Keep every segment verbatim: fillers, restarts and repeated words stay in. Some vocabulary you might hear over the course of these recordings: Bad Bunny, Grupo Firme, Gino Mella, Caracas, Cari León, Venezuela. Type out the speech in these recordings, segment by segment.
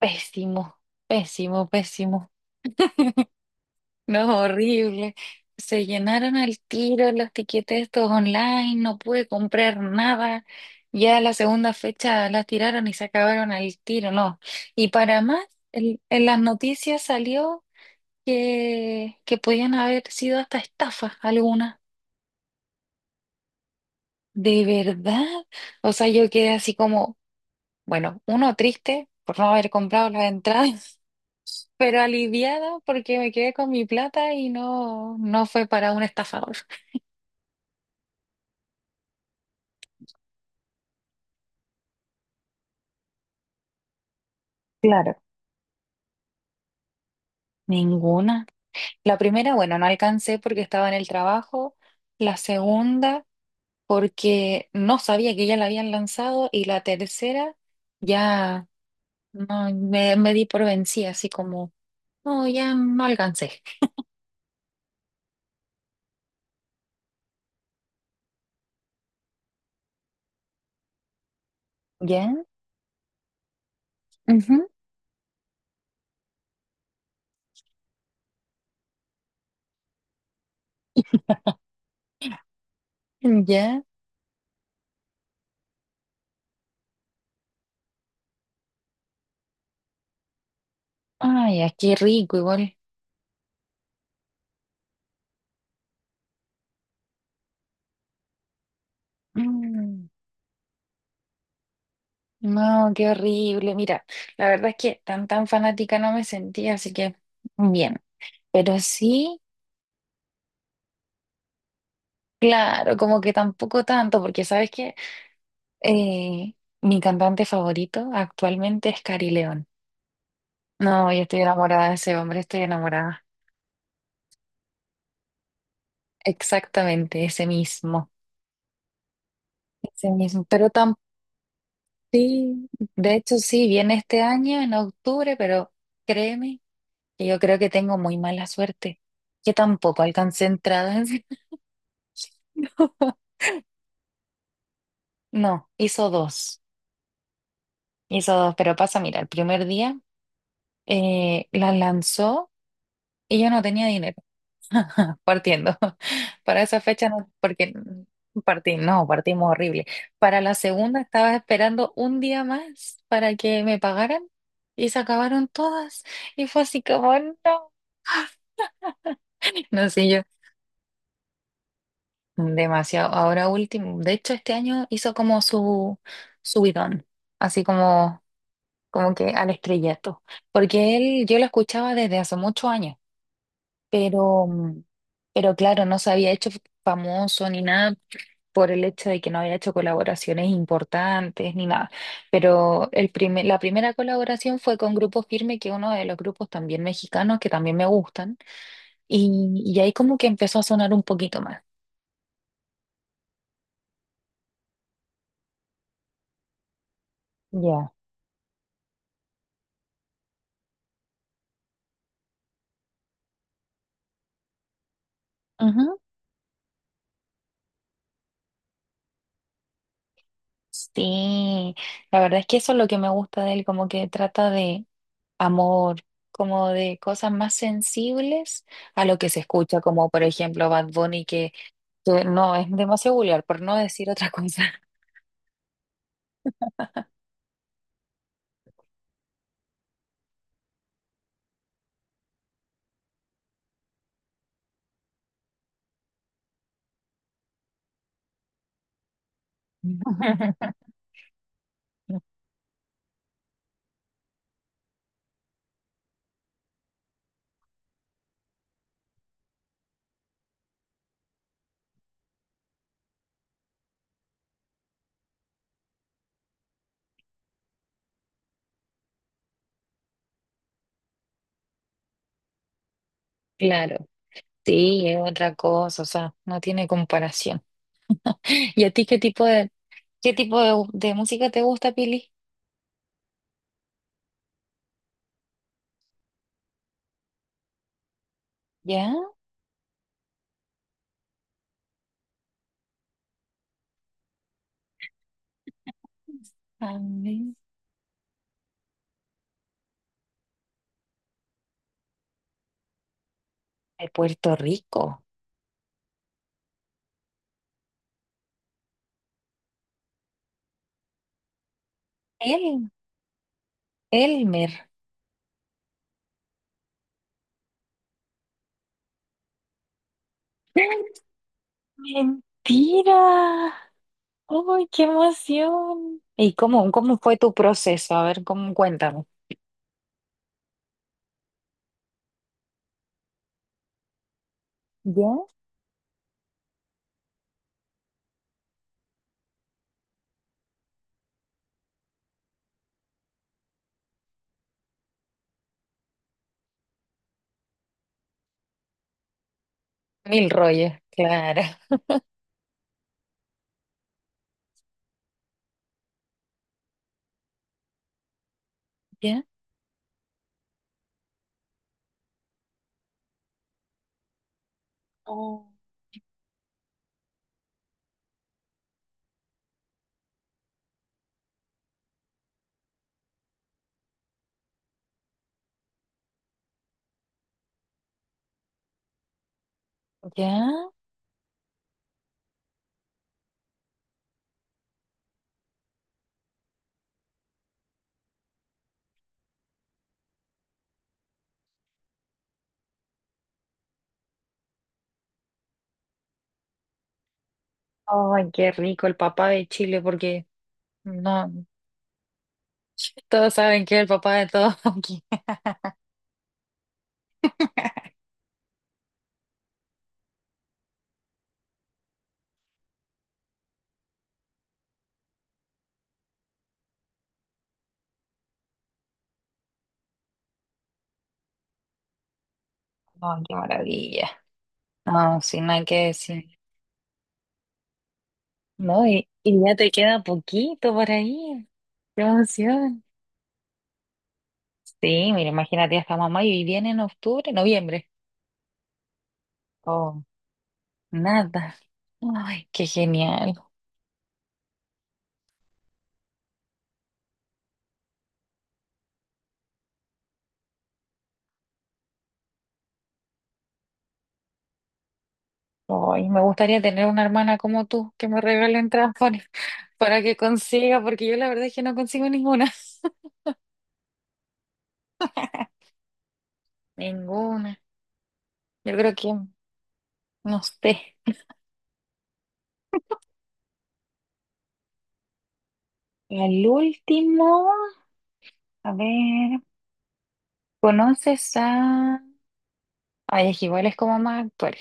Pésimo, pésimo, pésimo. No, horrible. Se llenaron al tiro los tiquetes estos online, no pude comprar nada. Ya la segunda fecha las tiraron y se acabaron al tiro, no. Y para más, el- en las noticias salió que, que podían haber sido hasta estafas algunas. ¿De verdad? O sea, yo quedé así como, bueno, uno triste por no haber comprado las entradas, pero aliviada porque me quedé con mi plata y no, no fue para un estafador. Claro. Ninguna. La primera, bueno, no alcancé porque estaba en el trabajo. La segunda, porque no sabía que ya la habían lanzado. Y la tercera, ya no, me, me di por vencida, así como, no, ya no alcancé. ¿Ya? Ujú. ¿Ya? Ay, aquí rico igual. Mm. No, qué horrible. Mira, la verdad es que tan tan fanática no me sentía, así que bien. Pero sí, claro, como que tampoco tanto, porque sabes que eh, mi cantante favorito actualmente es Cari León. No, yo estoy enamorada de ese hombre, estoy enamorada. Exactamente, ese mismo. Ese mismo. Pero tan sí, de hecho sí, viene este año, en octubre, pero créeme que yo creo que tengo muy mala suerte, que tampoco alcancé entradas. No, hizo dos, hizo dos, pero pasa, mira, el primer día eh, la lanzó y yo no tenía dinero, partiendo. Para esa fecha no, porque partí, no, partimos horrible. Para la segunda estaba esperando un día más para que me pagaran y se acabaron todas y fue así como, no, no sé, yo demasiado. Ahora último, de hecho este año hizo como su subidón, así como, como que al estrellato, porque él yo lo escuchaba desde hace muchos años, pero, mm, pero claro, no se había hecho famoso ni nada por el hecho de que no había hecho colaboraciones importantes ni nada, pero el primer, la primera colaboración fue con Grupo Firme, que es uno de los grupos también mexicanos que también me gustan, y, y ahí como que empezó a sonar un poquito más. Ya. Ujú. Sí, la verdad es que eso es lo que me gusta de él, como que trata de amor, como de cosas más sensibles a lo que se escucha, como por ejemplo Bad Bunny, que, que no es demasiado vulgar, por no decir otra cosa. Claro, sí, es otra cosa, o sea, no tiene comparación. ¿Y a ti qué tipo de, qué tipo de, de música te gusta, Pili? ¿Ya? A mí. De Puerto Rico. El, Elmer. ¡Mentira! ¡Ay, qué emoción! ¿Y cómo, cómo fue tu proceso? A ver, cómo, cuéntame. ¿Ya? Mil rollos, claro. ¿Ya? Oh. ¿Ya? ¡Ay, qué rico el papá de Chile! Porque no, todos saben que es el papá de todos aquí. ¡Ay, qué maravilla! No, si no hay que decir. No, y, y ya te queda poquito por ahí. ¡Qué emoción! Sí, mira, imagínate hasta mamá y viene en octubre, noviembre. Oh, nada. ¡Ay, qué genial! Ay, me gustaría tener una hermana como tú que me regale un trampones para que consiga, porque yo la verdad es que no consigo ninguna. Ninguna. Yo creo que, no sé. El último, a ver, ¿conoces a? Ay, es que igual es como más actual,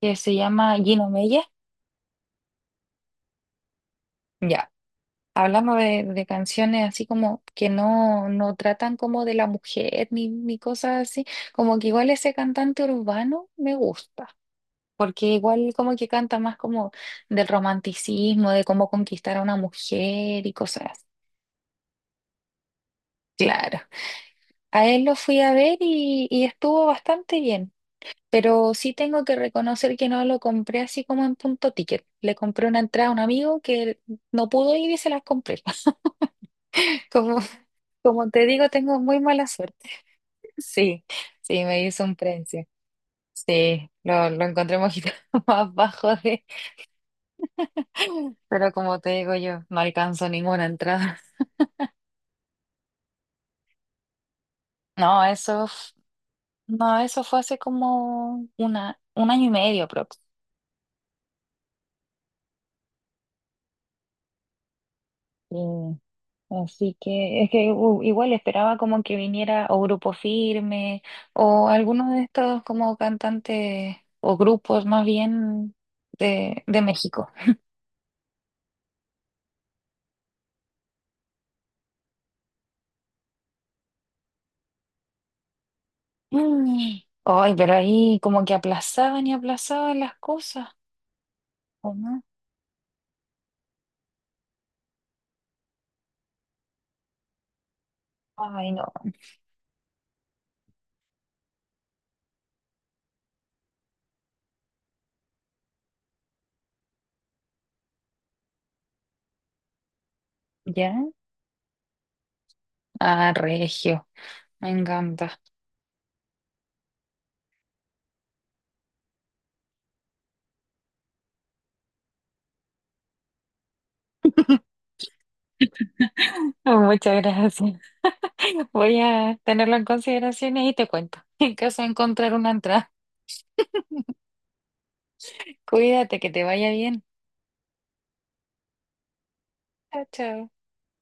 que se llama Gino Mella. Ya, hablamos de, de canciones así como que no, no tratan como de la mujer ni, ni cosas así, como que igual ese cantante urbano me gusta, porque igual como que canta más como del romanticismo, de cómo conquistar a una mujer y cosas así. Claro. A él lo fui a ver y, y estuvo bastante bien, pero sí tengo que reconocer que no lo compré así como en punto ticket. Le compré una entrada a un amigo que no pudo ir y se las compré. Como, como te digo, tengo muy mala suerte. Sí, sí, me hizo un precio. Sí, lo, lo encontré un poquito más bajo de, pero como te digo yo, no alcanzo ninguna entrada. No, eso, f- no, eso fue hace como una, un año y medio aprox. Mm, Así que es que u- igual esperaba como que viniera o Grupo Firme o alguno de estos como cantantes o grupos más bien de, de México. Mm. Ay, pero ahí como que aplazaban y aplazaban las cosas, ¿o no? Ay, no. ¿Ya? Ah, Regio, me encanta. Muchas gracias. Voy a tenerlo en consideración y ahí te cuento en caso de encontrar una entrada. Cuídate, que te vaya bien. Chao, chao.